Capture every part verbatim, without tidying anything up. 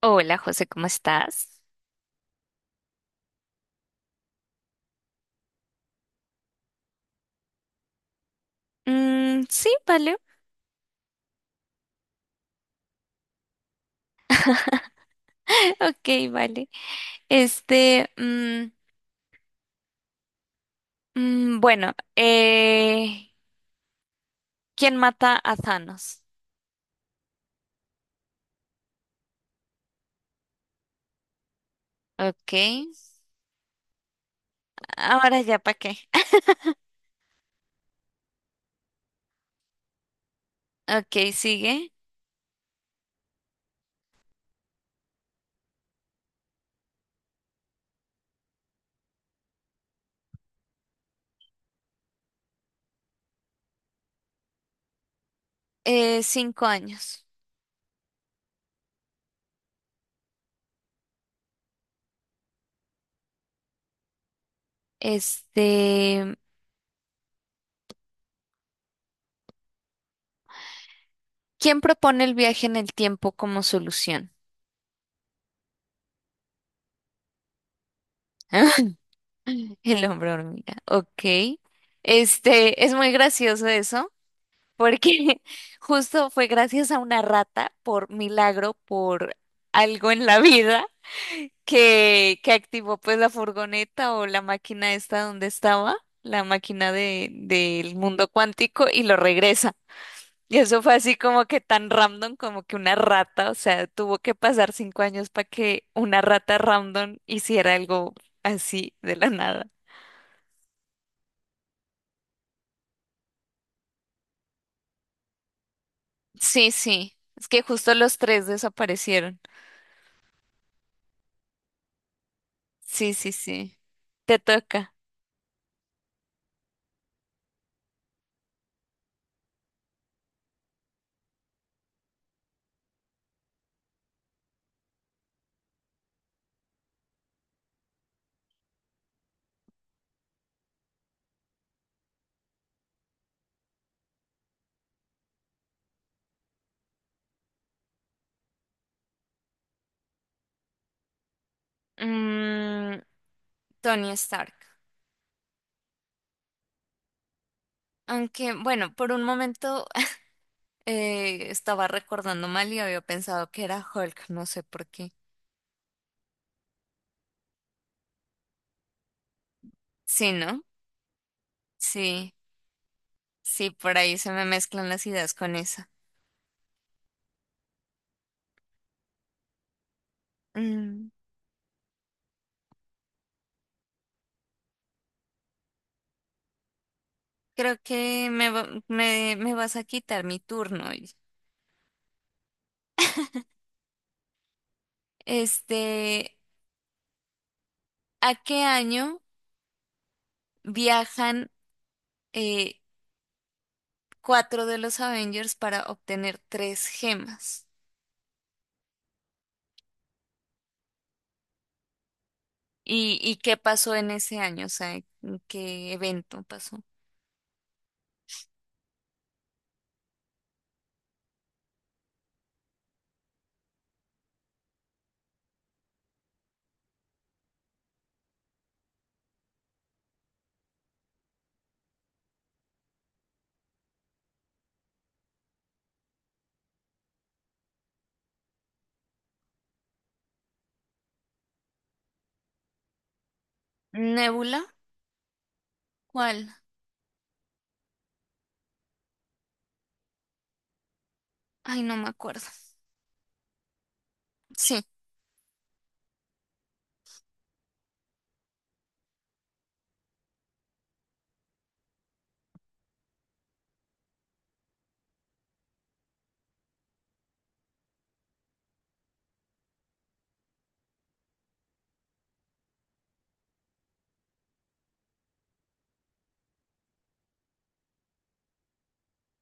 Hola, José, ¿cómo estás? Mm, sí, vale. Ok, vale. Este, mm, mm, bueno, eh, ¿Quién mata a Thanos? Ok. Ahora ya, ¿para qué? Ok, sigue. Eh, cinco años. Este, ¿quién propone el viaje en el tiempo como solución? El hombre hormiga. Ok. Este, es muy gracioso eso, porque justo fue gracias a una rata, por milagro, por algo en la vida, que, que activó pues la furgoneta o la máquina esta donde estaba, la máquina de, del mundo cuántico y lo regresa. Y eso fue así como que tan random como que una rata, o sea, tuvo que pasar cinco años para que una rata random hiciera algo así de la nada. Sí, sí, es que justo los tres desaparecieron. Sí, sí, sí. Te toca. Mm, Tony Stark. Aunque, bueno, por un momento eh, estaba recordando mal y había pensado que era Hulk, no sé por qué. Sí, ¿no? Sí, sí, por ahí se me mezclan las ideas con esa. Mm, Creo que me, va- me, me vas a quitar mi turno hoy. Este, ¿a qué año viajan eh, cuatro de los Avengers para obtener tres gemas? ¿Y, y qué pasó en ese año? O sea, ¿en ¿qué evento pasó? ¿Nébula? ¿Cuál? Ay, no me acuerdo. Sí,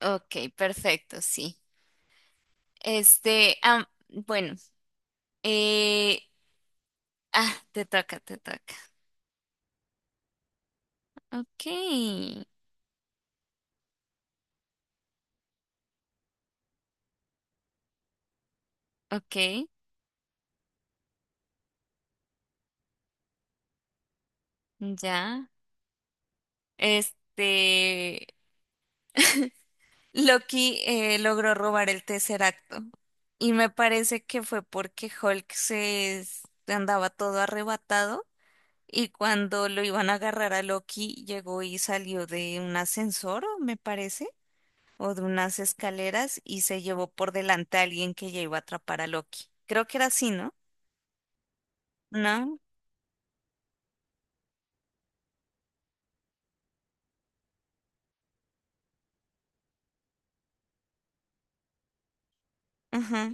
ok, perfecto, sí. Este, ah, bueno, eh, ah, te toca, te toca. Ok, ok, ya. Este, Loki eh, logró robar el tercer, y me parece que fue porque Hulk se s- andaba todo arrebatado. Y cuando lo iban a agarrar a Loki, llegó y salió de un ascensor, o me parece, o de unas escaleras y se llevó por delante a alguien que ya iba a atrapar a Loki. Creo que era así, ¿no? No, ajá.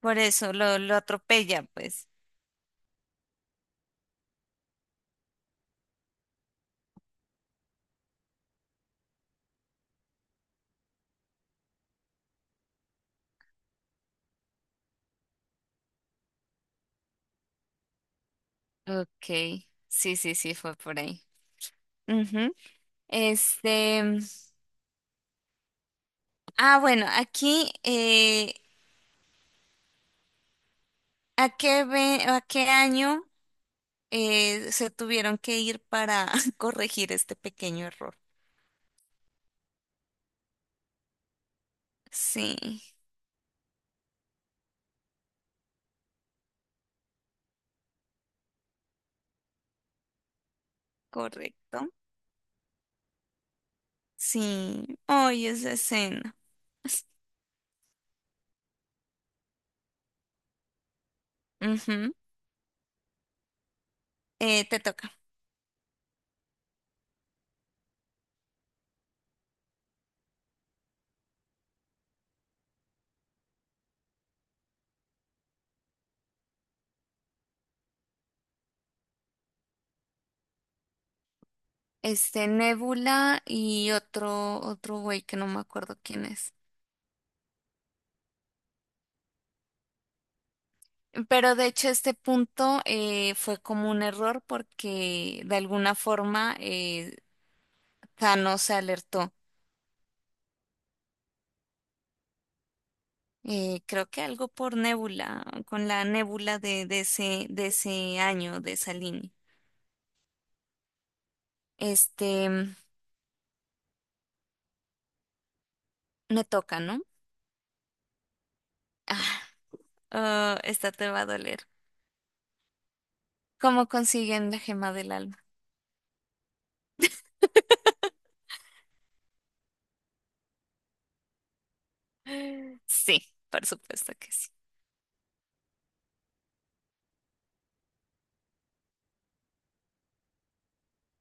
Por eso lo, lo atropella, pues. Ok, sí, sí, sí, fue por ahí. Ujú. Este, ah, bueno, aquí, eh, ¿a qué ve- ¿a qué año eh, se tuvieron que ir para corregir este pequeño error? Sí. Correcto. Sí. Ay, esa escena. Ujú. Eh, te toca. Este, Nebula y otro, otro güey que no me acuerdo quién es. Pero de hecho este punto eh, fue como un error porque de alguna forma eh, Thanos se alertó. Eh, creo que algo por Nebula, con la Nebula de, de ese, de ese año, de esa línea. Este, me toca, ¿no? Ah, oh, esta te va a doler. ¿Cómo consiguen la gema del alma? Sí, por supuesto que sí.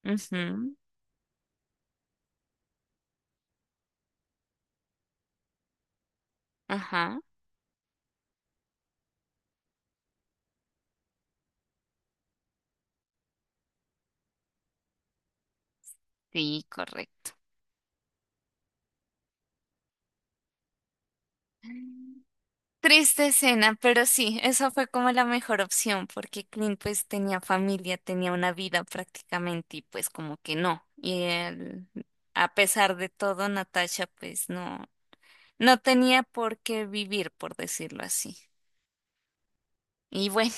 Ujú. Ajá, sí, correcto. Triste escena, pero sí, esa fue como la mejor opción porque Clint pues tenía familia, tenía una vida prácticamente y pues como que no. Y él, a pesar de todo, Natasha pues no, no tenía por qué vivir, por decirlo así. Y bueno,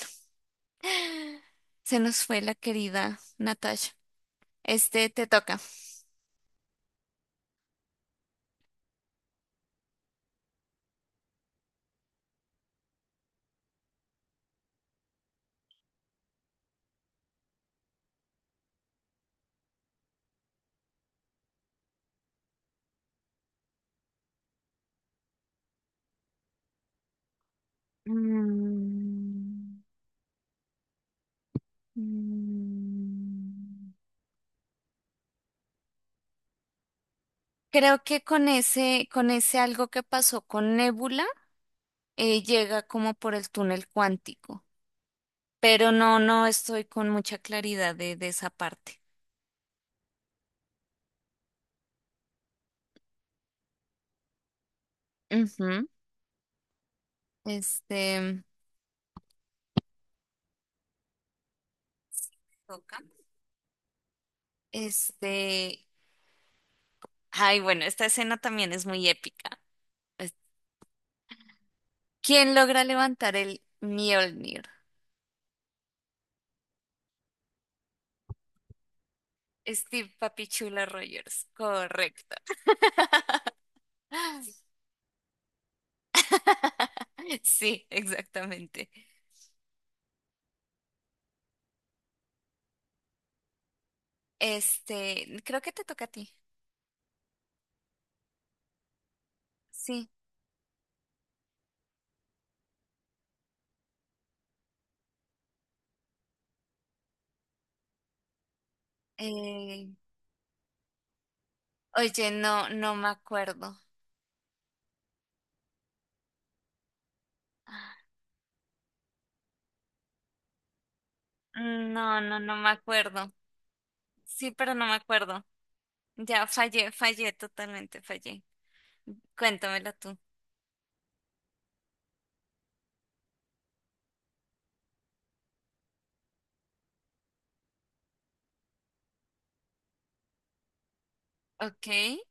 se nos fue la querida Natasha. Este te toca. Mm. Mm, Creo que con ese, con ese algo que pasó con Nebula, eh, llega como por el túnel cuántico, pero no, no estoy con mucha claridad de, de esa parte. Ujú. Este, toca. Este, ay, bueno, esta escena también es muy épica. Es- ¿quién logra levantar el Mjolnir? Steve Papichula Rogers, correcto. Sí, exactamente. Este, creo que te toca a ti. Sí. Eh, oye, no, no me acuerdo. Mm, No, no, no me acuerdo. Sí, pero no me acuerdo. Ya fallé, fallé, totalmente fallé. Cuéntamela tú. Ok.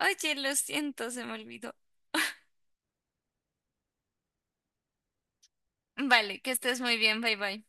Oye, lo siento, se me olvidó. Vale, que estés muy bien, bye bye.